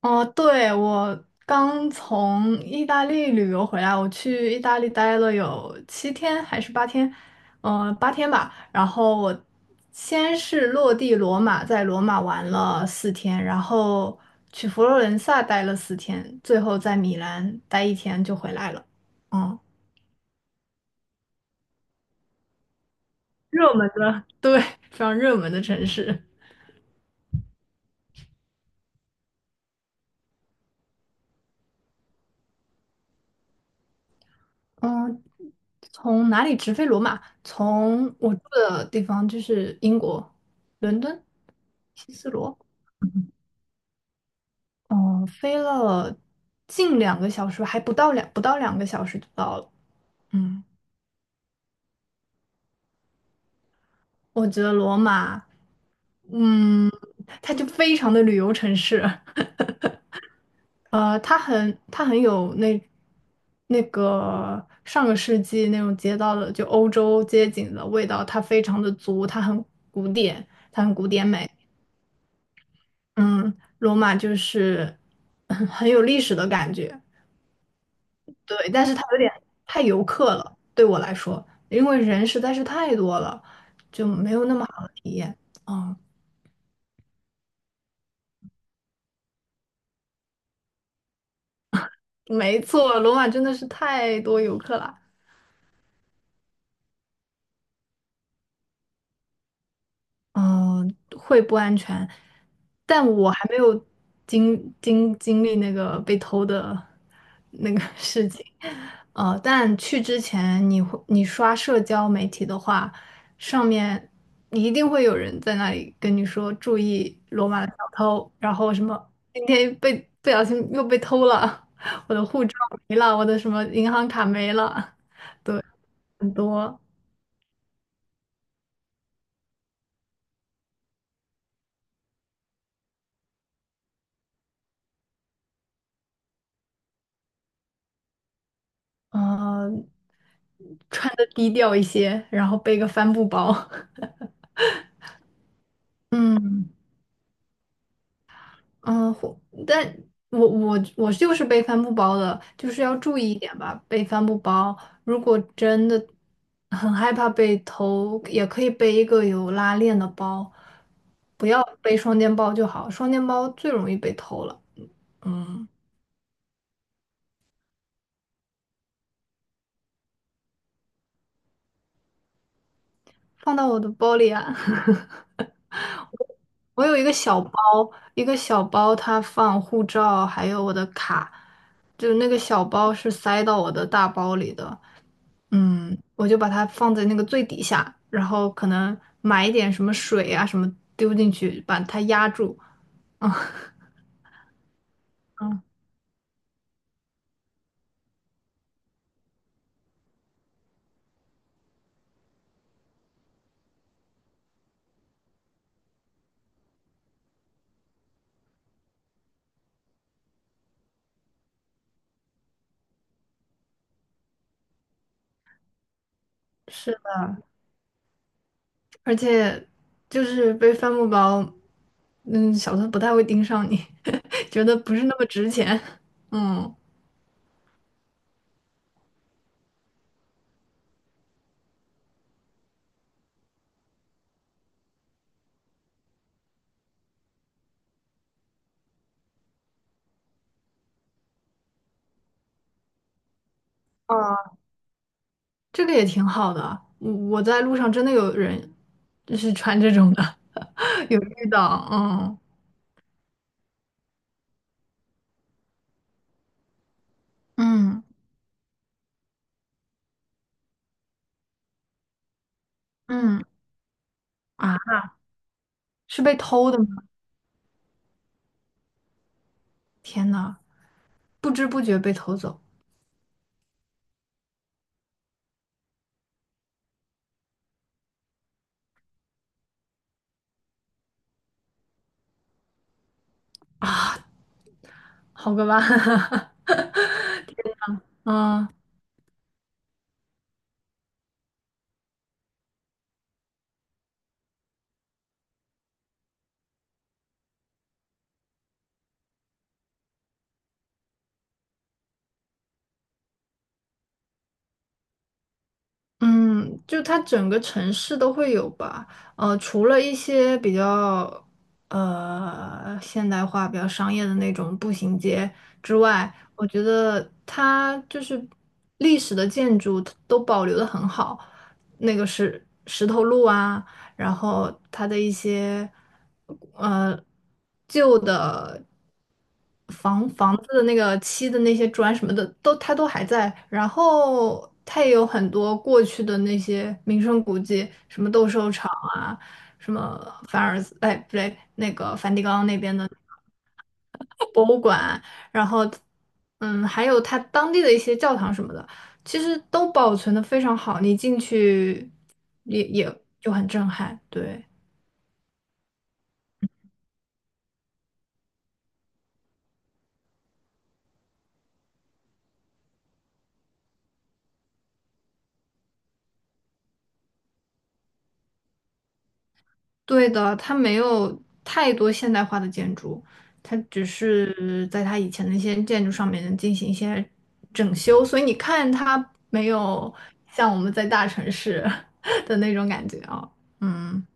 哦，对，我刚从意大利旅游回来，我去意大利待了有7天还是八天，八天吧。然后我先是落地罗马，在罗马玩了四天，然后去佛罗伦萨待了四天，最后在米兰待一天就回来了。嗯，热门的，对，非常热门的城市。嗯，从哪里直飞罗马？从我住的地方就是英国伦敦希斯罗，嗯，飞了近两个小时，还不到两个小时就到了。嗯，我觉得罗马，嗯，它就非常的旅游城市，它很有那个上个世纪那种街道的就欧洲街景的味道，它非常的足，它很古典，它很古典美。嗯，罗马就是很有历史的感觉，对，但是它有点太游客了，对我来说，因为人实在是太多了，就没有那么好的体验。哦，没错，罗马真的是太多游客了。嗯，会不安全，但我还没有经历那个被偷的那个 事情。但去之前你刷社交媒体的话，上面一定会有人在那里跟你说注意罗马的小偷，然后什么今天被不小心又被偷了，我的护照没了，我的什么银行卡没了，对，很多。呃穿的低调一些，然后背个帆布包。嗯嗯，但我就是背帆布包的，就是要注意一点吧，背帆布包。如果真的很害怕被偷，也可以背一个有拉链的包，不要背双肩包就好，双肩包最容易被偷了。嗯，放到我的包里啊。我有一个小包，它放护照，还有我的卡，就那个小包是塞到我的大包里的。我就把它放在那个最底下，然后可能买一点什么水啊什么丢进去，把它压住。嗯 嗯，是的，而且就是背帆布包，小偷不太会盯上你，觉得不是那么值钱。嗯。啊。这个也挺好的。我在路上真的有人就是穿这种的，有遇到，嗯嗯嗯，啊，是被偷的吗？天呐，不知不觉被偷走啊，好个吧，嗯，嗯，就它整个城市都会有吧，除了一些比较现代化、比较商业的那种步行街之外，我觉得它就是历史的建筑它都保留的很好，那个石头路啊，然后它的一些呃旧的房子的那个漆的那些砖什么的它都还在，然后它也有很多过去的那些名胜古迹，什么斗兽场啊，什么凡尔赛，哎不对，那个梵蒂冈那边的博物馆，然后还有它当地的一些教堂什么的。其实都保存的非常好，你进去也就很震撼，对。对的，它没有太多现代化的建筑，它只是在它以前的一些建筑上面进行一些整修，所以你看它没有像我们在大城市 的那种感觉啊。嗯，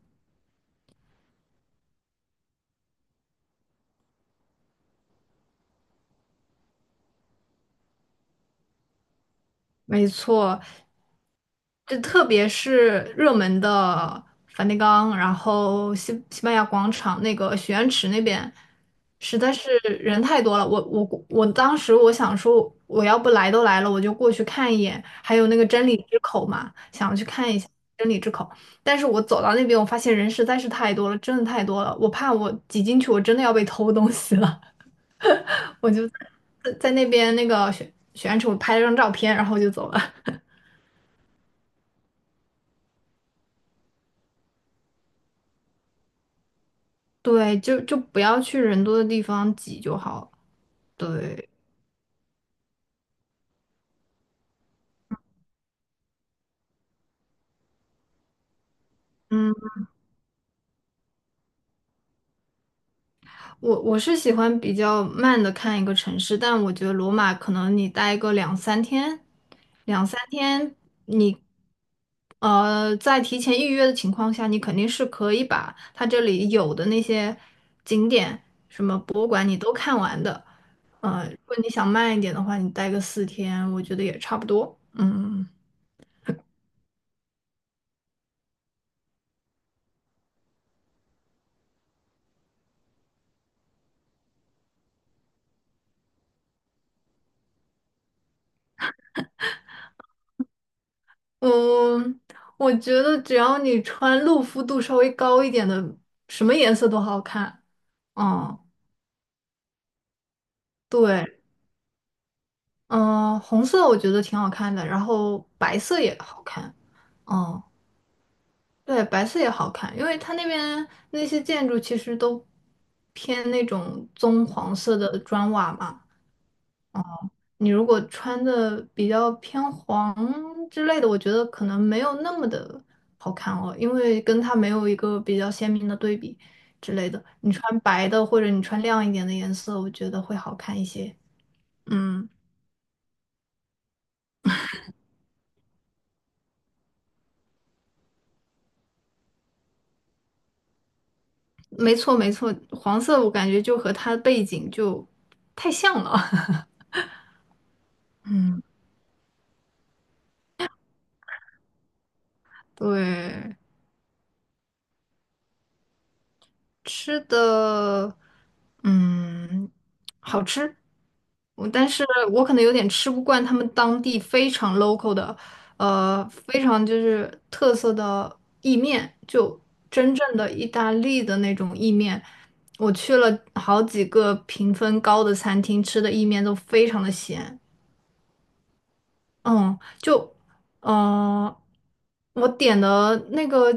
没错。就特别是热门的梵蒂冈，然后西班牙广场那个许愿池那边，实在是人太多了。我当时我想说，我要不来都来了，我就过去看一眼。还有那个真理之口嘛，想去看一下真理之口。但是我走到那边，我发现人实在是太多了，真的太多了。我怕我挤进去，我真的要被偷东西了。在那边那个许愿池，我拍了张照片，然后就走了。对，就不要去人多的地方挤就好了。对，嗯，我是喜欢比较慢的看一个城市，但我觉得罗马可能你待个两三天你，在提前预约的情况下，你肯定是可以把它这里有的那些景点、什么博物馆你都看完的。如果你想慢一点的话，你待个四天，我觉得也差不多。嗯。嗯，我觉得只要你穿露肤度稍微高一点的，什么颜色都好看。嗯，对，嗯，红色我觉得挺好看的，然后白色也好看。嗯，对，白色也好看，因为它那边那些建筑其实都偏那种棕黄色的砖瓦嘛。你如果穿的比较偏黄之类的，我觉得可能没有那么的好看哦，因为跟它没有一个比较鲜明的对比之类的。你穿白的或者你穿亮一点的颜色，我觉得会好看一些。嗯，没错没错，黄色我感觉就和它的背景就太像了。嗯，对。吃的，嗯，好吃。但是我可能有点吃不惯他们当地非常 local 的，非常就是特色的意面，就真正的意大利的那种意面。我去了好几个评分高的餐厅，吃的意面都非常的咸。嗯，就呃，我点的那个，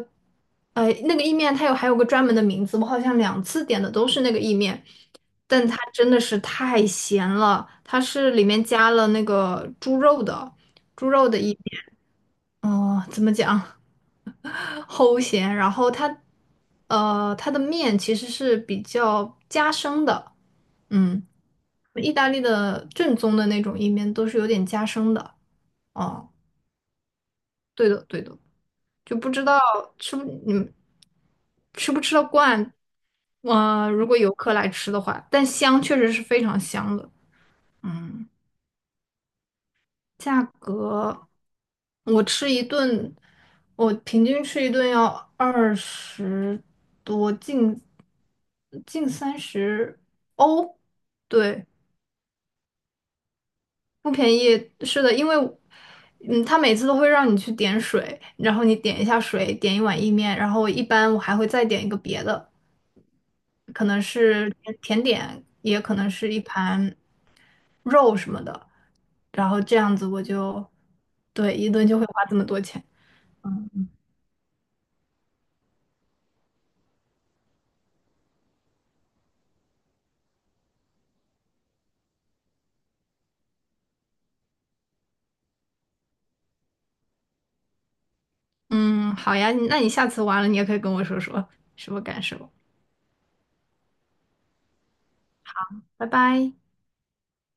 那个意面还有个专门的名字，我好像两次点的都是那个意面，但它真的是太咸了，它是里面加了那个猪肉的，猪肉的意面，哦、怎么讲，齁咸，然后它的面其实是比较夹生的，嗯，意大利的正宗的那种意面都是有点夹生的，哦、对的，对的，就不知道吃不你们吃不吃得惯。如果游客来吃的话，但香确实是非常香的。嗯，价格我吃一顿，我平均吃一顿要20多，近30欧。对，不便宜，是的，因为，他每次都会让你去点水，然后你点一下水，点一碗意面，然后一般我还会再点一个别的，可能是甜点，也可能是一盘肉什么的，然后这样子我就，对，一顿就会花这么多钱。嗯，好呀，那你下次完了，你也可以跟我说说什么感受。拜拜。